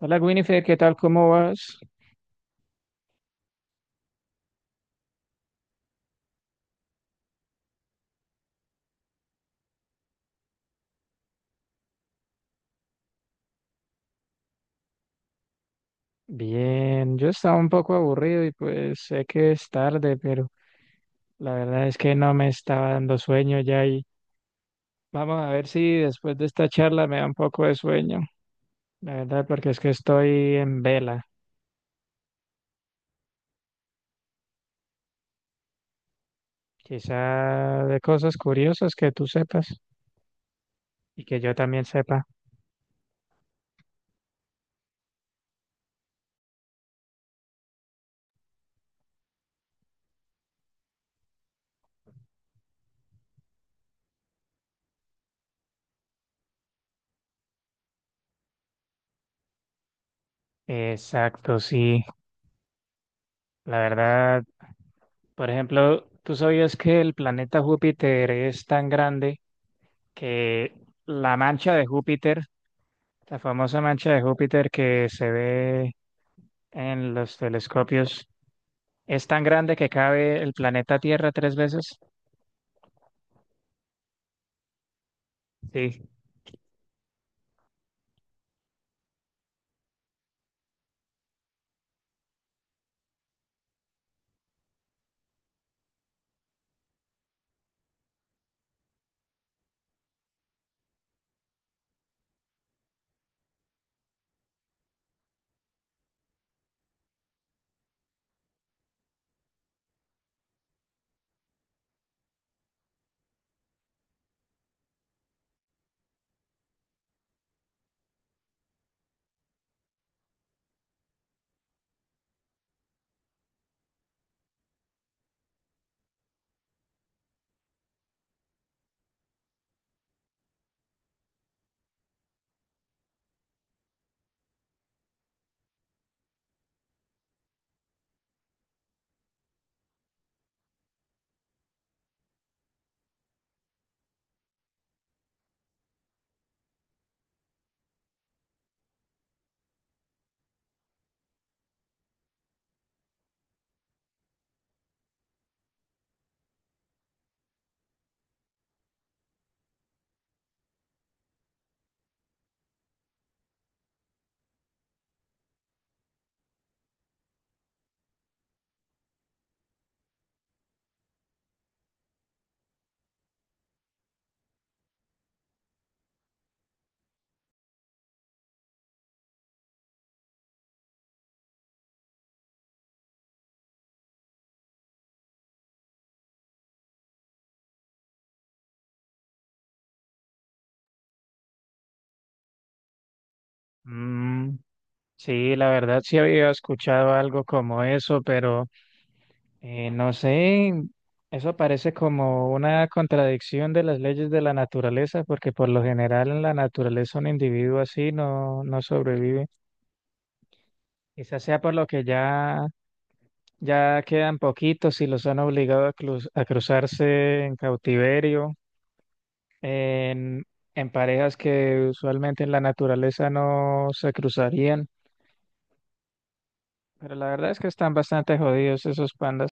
Hola Winifred, ¿qué tal? ¿Cómo vas? Bien, yo estaba un poco aburrido y pues sé que es tarde, pero la verdad es que no me estaba dando sueño ya y vamos a ver si después de esta charla me da un poco de sueño, la verdad, porque es que estoy en vela. Quizá de cosas curiosas que tú sepas y que yo también sepa. Exacto, sí, la verdad, por ejemplo, ¿tú sabías que el planeta Júpiter es tan grande que la mancha de Júpiter, la famosa mancha de Júpiter que se ve en los telescopios, es tan grande que cabe el planeta Tierra tres veces? Sí. Mm, sí, la verdad sí había escuchado algo como eso, pero no sé, eso parece como una contradicción de las leyes de la naturaleza, porque por lo general en la naturaleza un individuo así no, no sobrevive. Quizás sea por lo que ya ya quedan poquitos y los han obligado a, a cruzarse en cautiverio, en, en parejas que usualmente en la naturaleza no se cruzarían. Pero la verdad es que están bastante jodidos esos pandas.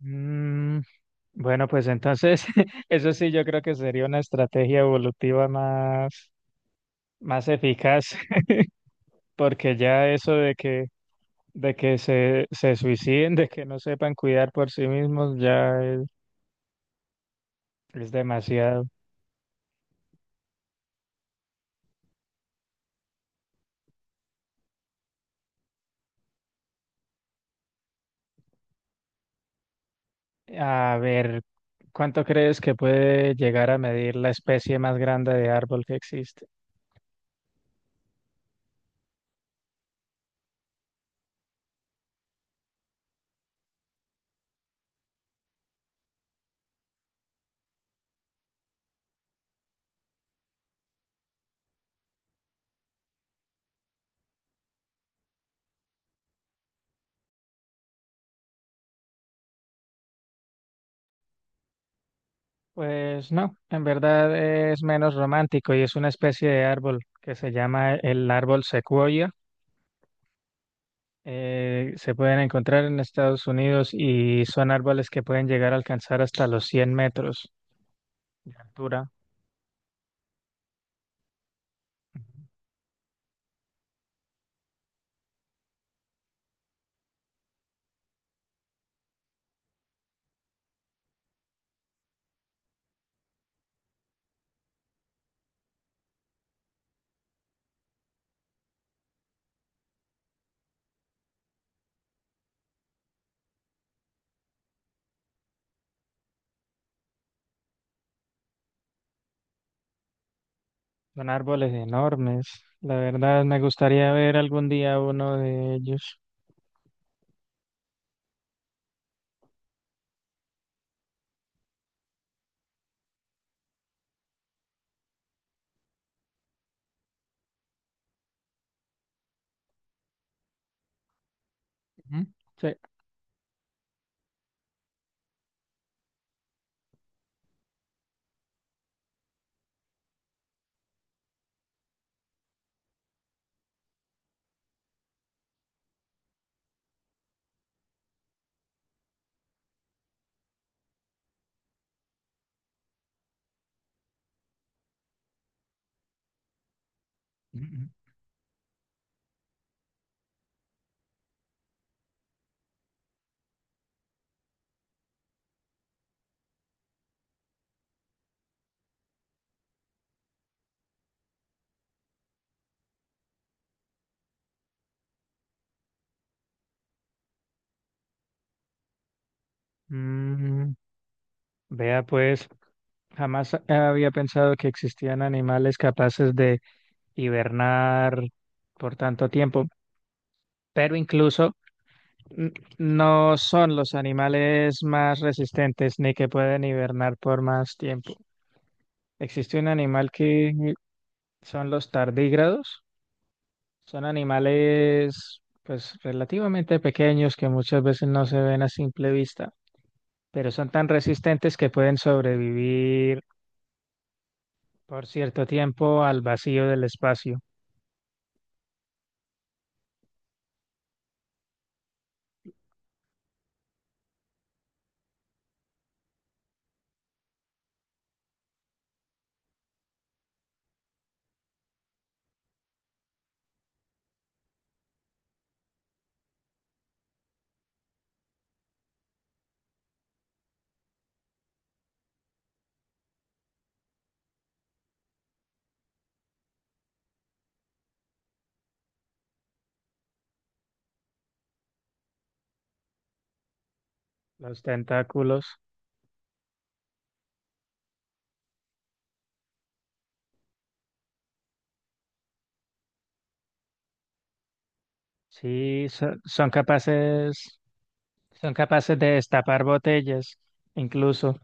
Mm, bueno, pues entonces, eso sí, yo creo que sería una estrategia evolutiva más, más eficaz, porque ya eso de que se suiciden, de que no sepan cuidar por sí mismos, ya es demasiado. A ver, ¿cuánto crees que puede llegar a medir la especie más grande de árbol que existe? Pues no, en verdad es menos romántico y es una especie de árbol que se llama el árbol secuoya. Se pueden encontrar en Estados Unidos y son árboles que pueden llegar a alcanzar hasta los 100 metros de altura. Son árboles enormes. La verdad me gustaría ver algún día uno de ellos. Ujú. Sí. Ujú. Mm, vea pues, jamás había pensado que existían animales capaces de hibernar por tanto tiempo, pero incluso no son los animales más resistentes ni que pueden hibernar por más tiempo. Existe un animal que son los tardígrados, son animales pues relativamente pequeños que muchas veces no se ven a simple vista, pero son tan resistentes que pueden sobrevivir por cierto tiempo al vacío del espacio. Los tentáculos, sí, son capaces de destapar botellas, incluso,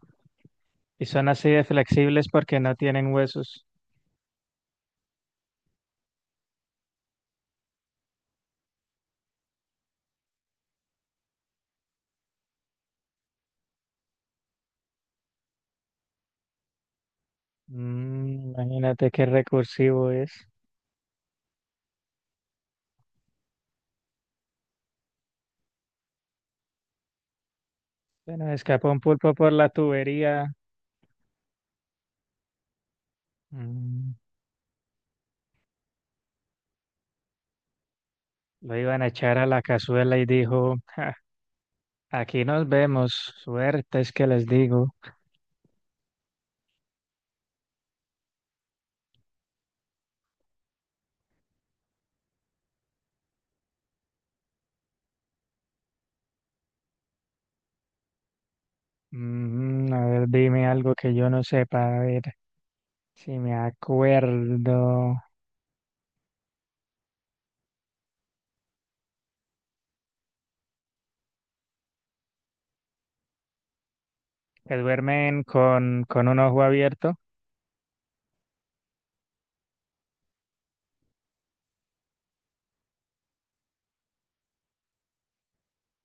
y son así de flexibles porque no tienen huesos. Mm, imagínate qué recursivo es. Bueno, escapó un pulpo por la tubería. Mm. Lo iban a echar a la cazuela y dijo: "Ja, aquí nos vemos, suerte es que les digo". Mm, a ver, dime algo que yo no sepa, a ver si me acuerdo. Que duermen con un ojo abierto,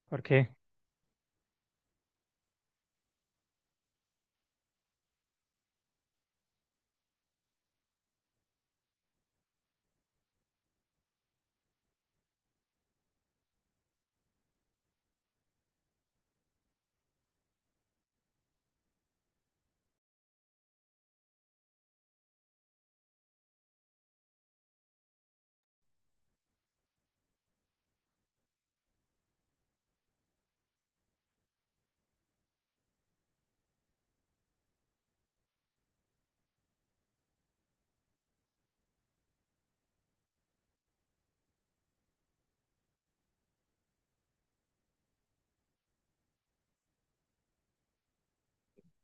porque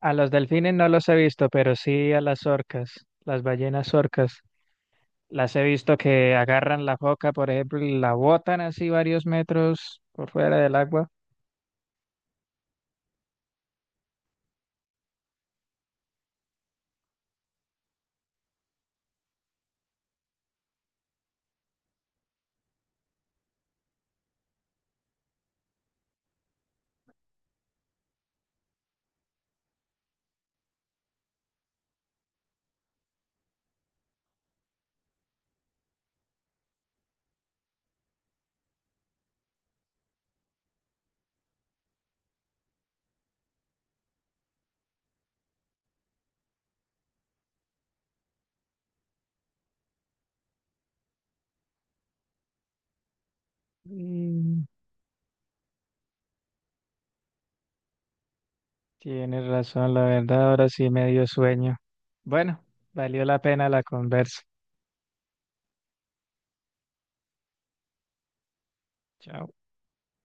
a los delfines no los he visto, pero sí a las orcas, las ballenas orcas. Las he visto que agarran la foca, por ejemplo, y la botan así varios metros por fuera del agua. Mm, tienes razón, la verdad, ahora sí me dio sueño. Bueno, valió la pena la conversa. Chao.